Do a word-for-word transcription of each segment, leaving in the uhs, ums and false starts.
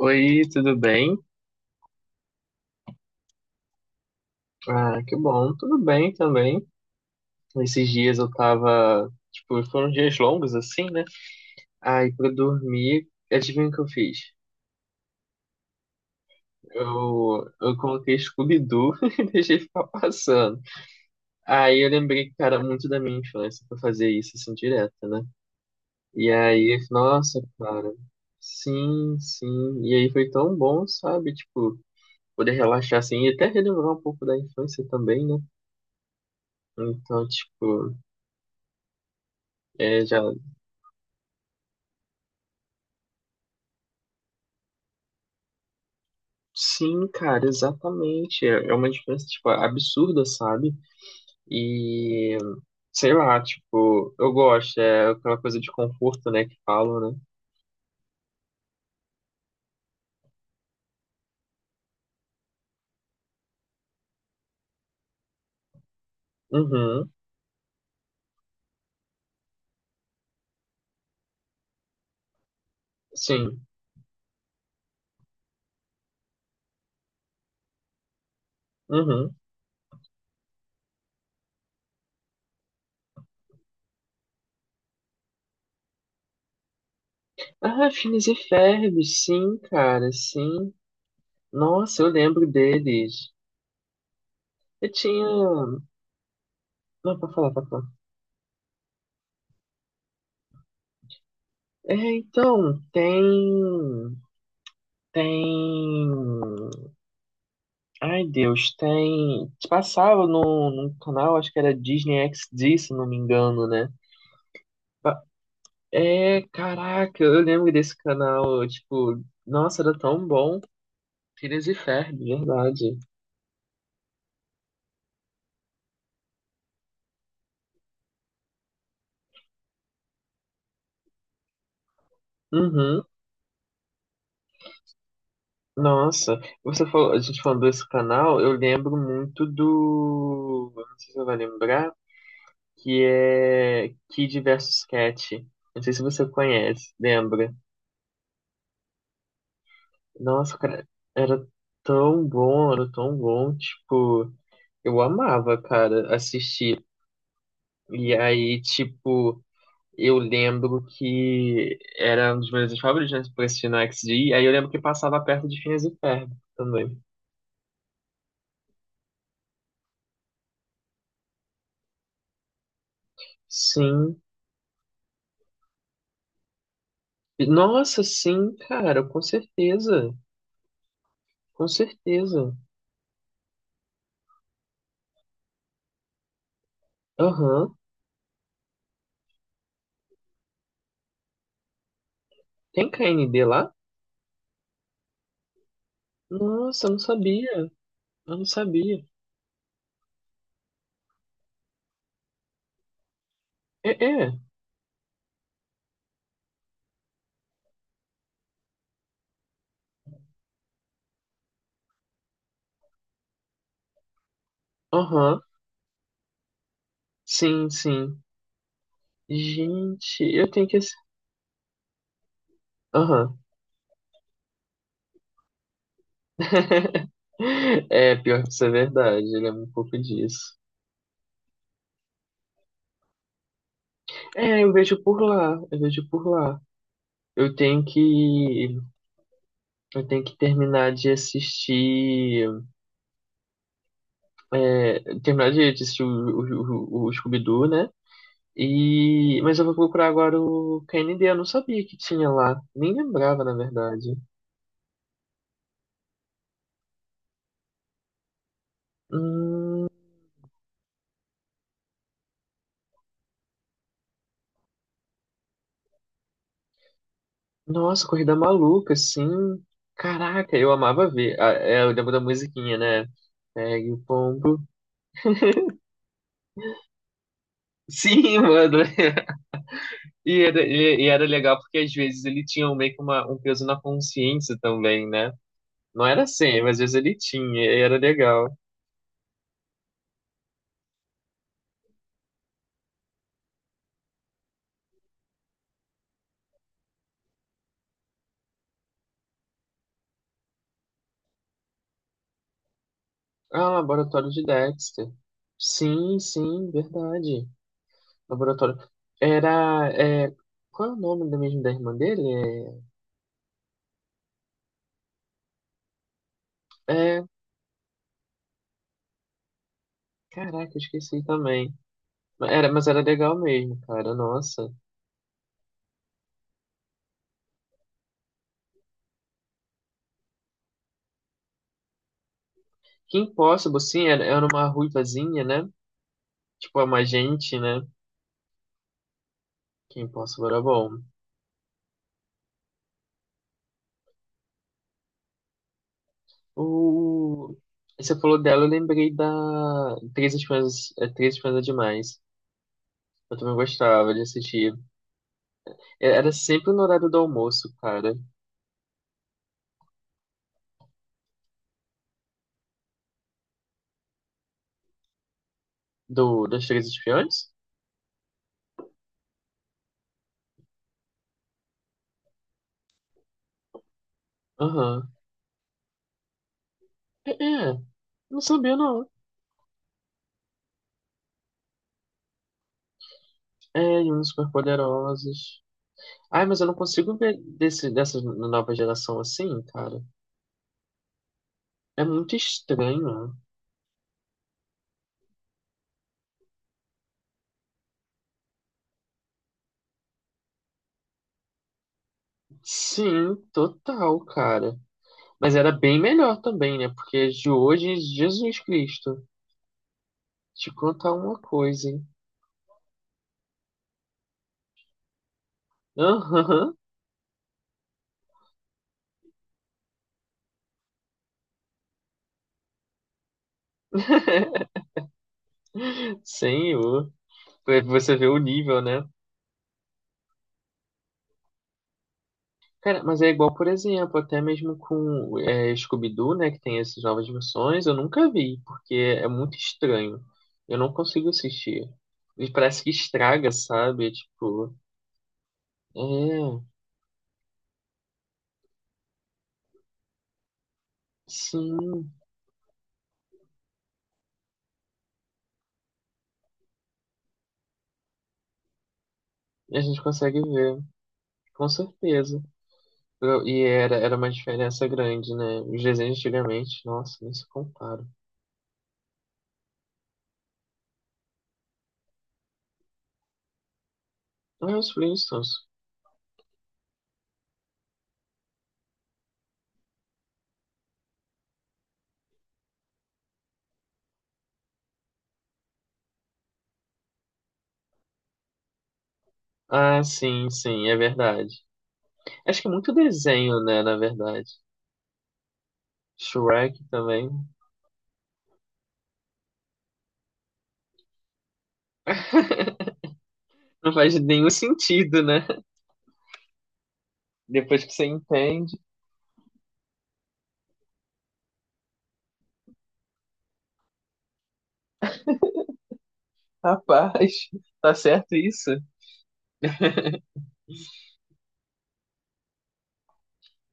Oi, tudo bem? Ah, que bom, tudo bem também. Esses dias eu tava, tipo, foram dias longos assim, né? Aí pra dormir, adivinha o que eu fiz? Eu, eu coloquei Scooby-Doo e deixei ficar passando. Aí eu lembrei que, cara, muito da minha infância pra fazer isso assim direto, né? E aí, nossa, cara, sim, sim. E aí foi tão bom, sabe? Tipo, poder relaxar assim e até relembrar um pouco da infância também, né? Então, tipo. É, já. Sim, cara, exatamente. É é uma diferença, tipo, absurda, sabe? E sei lá, tipo, eu gosto, é aquela coisa de conforto, né, que falam, né? Uhum, sim. Uhum. Ah, Phineas e Ferb, sim, cara, sim. Nossa, eu lembro deles. Eu tinha. Não, pra falar, pra falar. É, então, tem. Tem. Ai, Deus, tem. Passava num, num canal, acho que era Disney X D, se não me engano, né? Pa- é, caraca, eu lembro desse canal, tipo, nossa, era tão bom. Phineas e Ferb, verdade. Uhum. Nossa, você falou, a gente falando desse canal, eu lembro muito do. Eu não sei se você vai lembrar, que é Kid versus Cat. Não sei se você conhece, lembra? Nossa, cara, era tão bom, era tão bom, tipo. Eu amava, cara, assistir. E aí, tipo, eu lembro que era um dos meus favoritos, né, pra assistir no X D. E aí eu lembro que passava perto de Phineas e Ferb também. Sim. Nossa, sim, cara, com certeza. Com certeza. Aham. Tem K N D lá? Nossa, eu não sabia. Eu não sabia. É, é. Aham. Sim, sim. Gente, eu tenho que. Assi-. Aham. É, pior que isso é verdade, eu lembro um pouco disso. É, eu vejo por lá, eu vejo por lá. Eu tenho que, eu tenho que terminar de assistir, é, terminar de assistir o, o, o, o Scooby-Doo, né? E, mas eu vou procurar agora o K N D, eu não sabia que tinha lá, nem lembrava, na verdade. Hum, nossa, Corrida Maluca, assim, caraca, eu amava ver. Ah, é, eu lembro da musiquinha, né? Pegue o pombo. Sim, mano. E era, e, e era legal porque às vezes ele tinha um, meio que uma, um peso na consciência também, né? Não era sempre, mas às vezes ele tinha, e era legal. Ah, laboratório de Dexter. Sim, sim, verdade. Laboratório. Era. É, qual é o nome da mesmo da irmã dele? É, é, caraca, eu esqueci também. Mas era, mas era legal mesmo, cara. Nossa. Kim Possible, sim, era, era uma ruivazinha, né? Tipo, é uma gente, né? Kim Possible era bom. O... Você falou dela, eu lembrei da Três Espiãs, é, Três Espiãs é Demais. Eu também gostava de assistir. É, era sempre no horário do almoço, cara. Do, das Três Espiãs? Aham. É, é. Não sabia, não. É, e uns superpoderosos. Ai, mas eu não consigo ver desse, dessa nova geração assim, cara. É muito estranho. Sim, total, cara. Mas era bem melhor também, né? Porque de hoje, Jesus Cristo. Te contar uma coisa, hein? Aham. Senhor. Pra você ver o nível, né? Cara, mas é igual, por exemplo, até mesmo com é, Scooby-Doo, né? Que tem essas novas versões, eu nunca vi, porque é muito estranho. Eu não consigo assistir. E parece que estraga, sabe? É tipo, é, sim, a gente consegue ver, com certeza. Eu-. E era, era uma diferença grande, né? Os desenhos antigamente, nossa, nem se compara. Ah, os Flintstones. Ah, sim, sim, é verdade. Acho que é muito desenho, né, na verdade. Shrek também. Não faz nenhum sentido, né? Depois que você entende, rapaz, tá certo isso?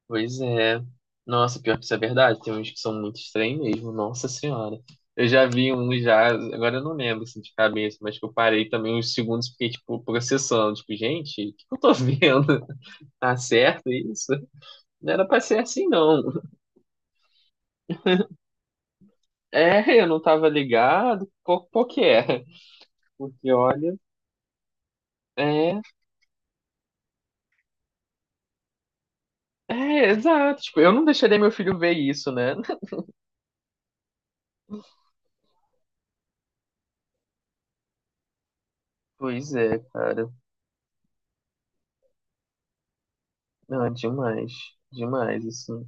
Pois é. Nossa, pior que isso é verdade. Tem uns que são muito estranhos mesmo, nossa senhora. Eu já vi um já, agora eu não lembro assim, de cabeça, mas que eu parei também uns segundos, fiquei, tipo, processando. Tipo, gente, o que eu tô vendo? Tá certo isso? Não era pra ser assim, não. É, eu não tava ligado. Qual, qual que é? Porque olha, é, é, exato. Tipo, eu não deixaria meu filho ver isso, né? Pois é, cara. Não, é demais. Demais, assim.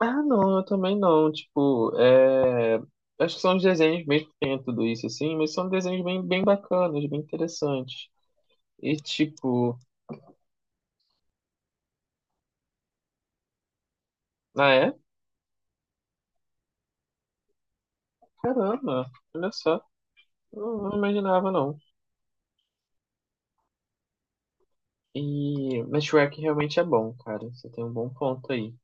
Ah, não, eu também não. Tipo, é. Acho que são os desenhos mesmo que tem tudo isso, assim, mas são desenhos bem, bem bacanas, bem interessantes. E tipo, ah, é? Caramba, olha só. Não, não imaginava, não. E, mas Shrek realmente é bom, cara. Você tem um bom ponto aí.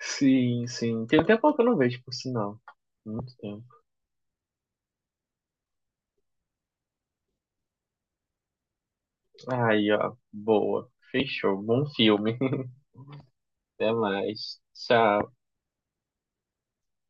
Sim, sim. Tem um tempo que eu não vejo, por sinal. Muito tempo. Aí, ó. Boa. Fechou. Bom filme. Até mais. Tchau.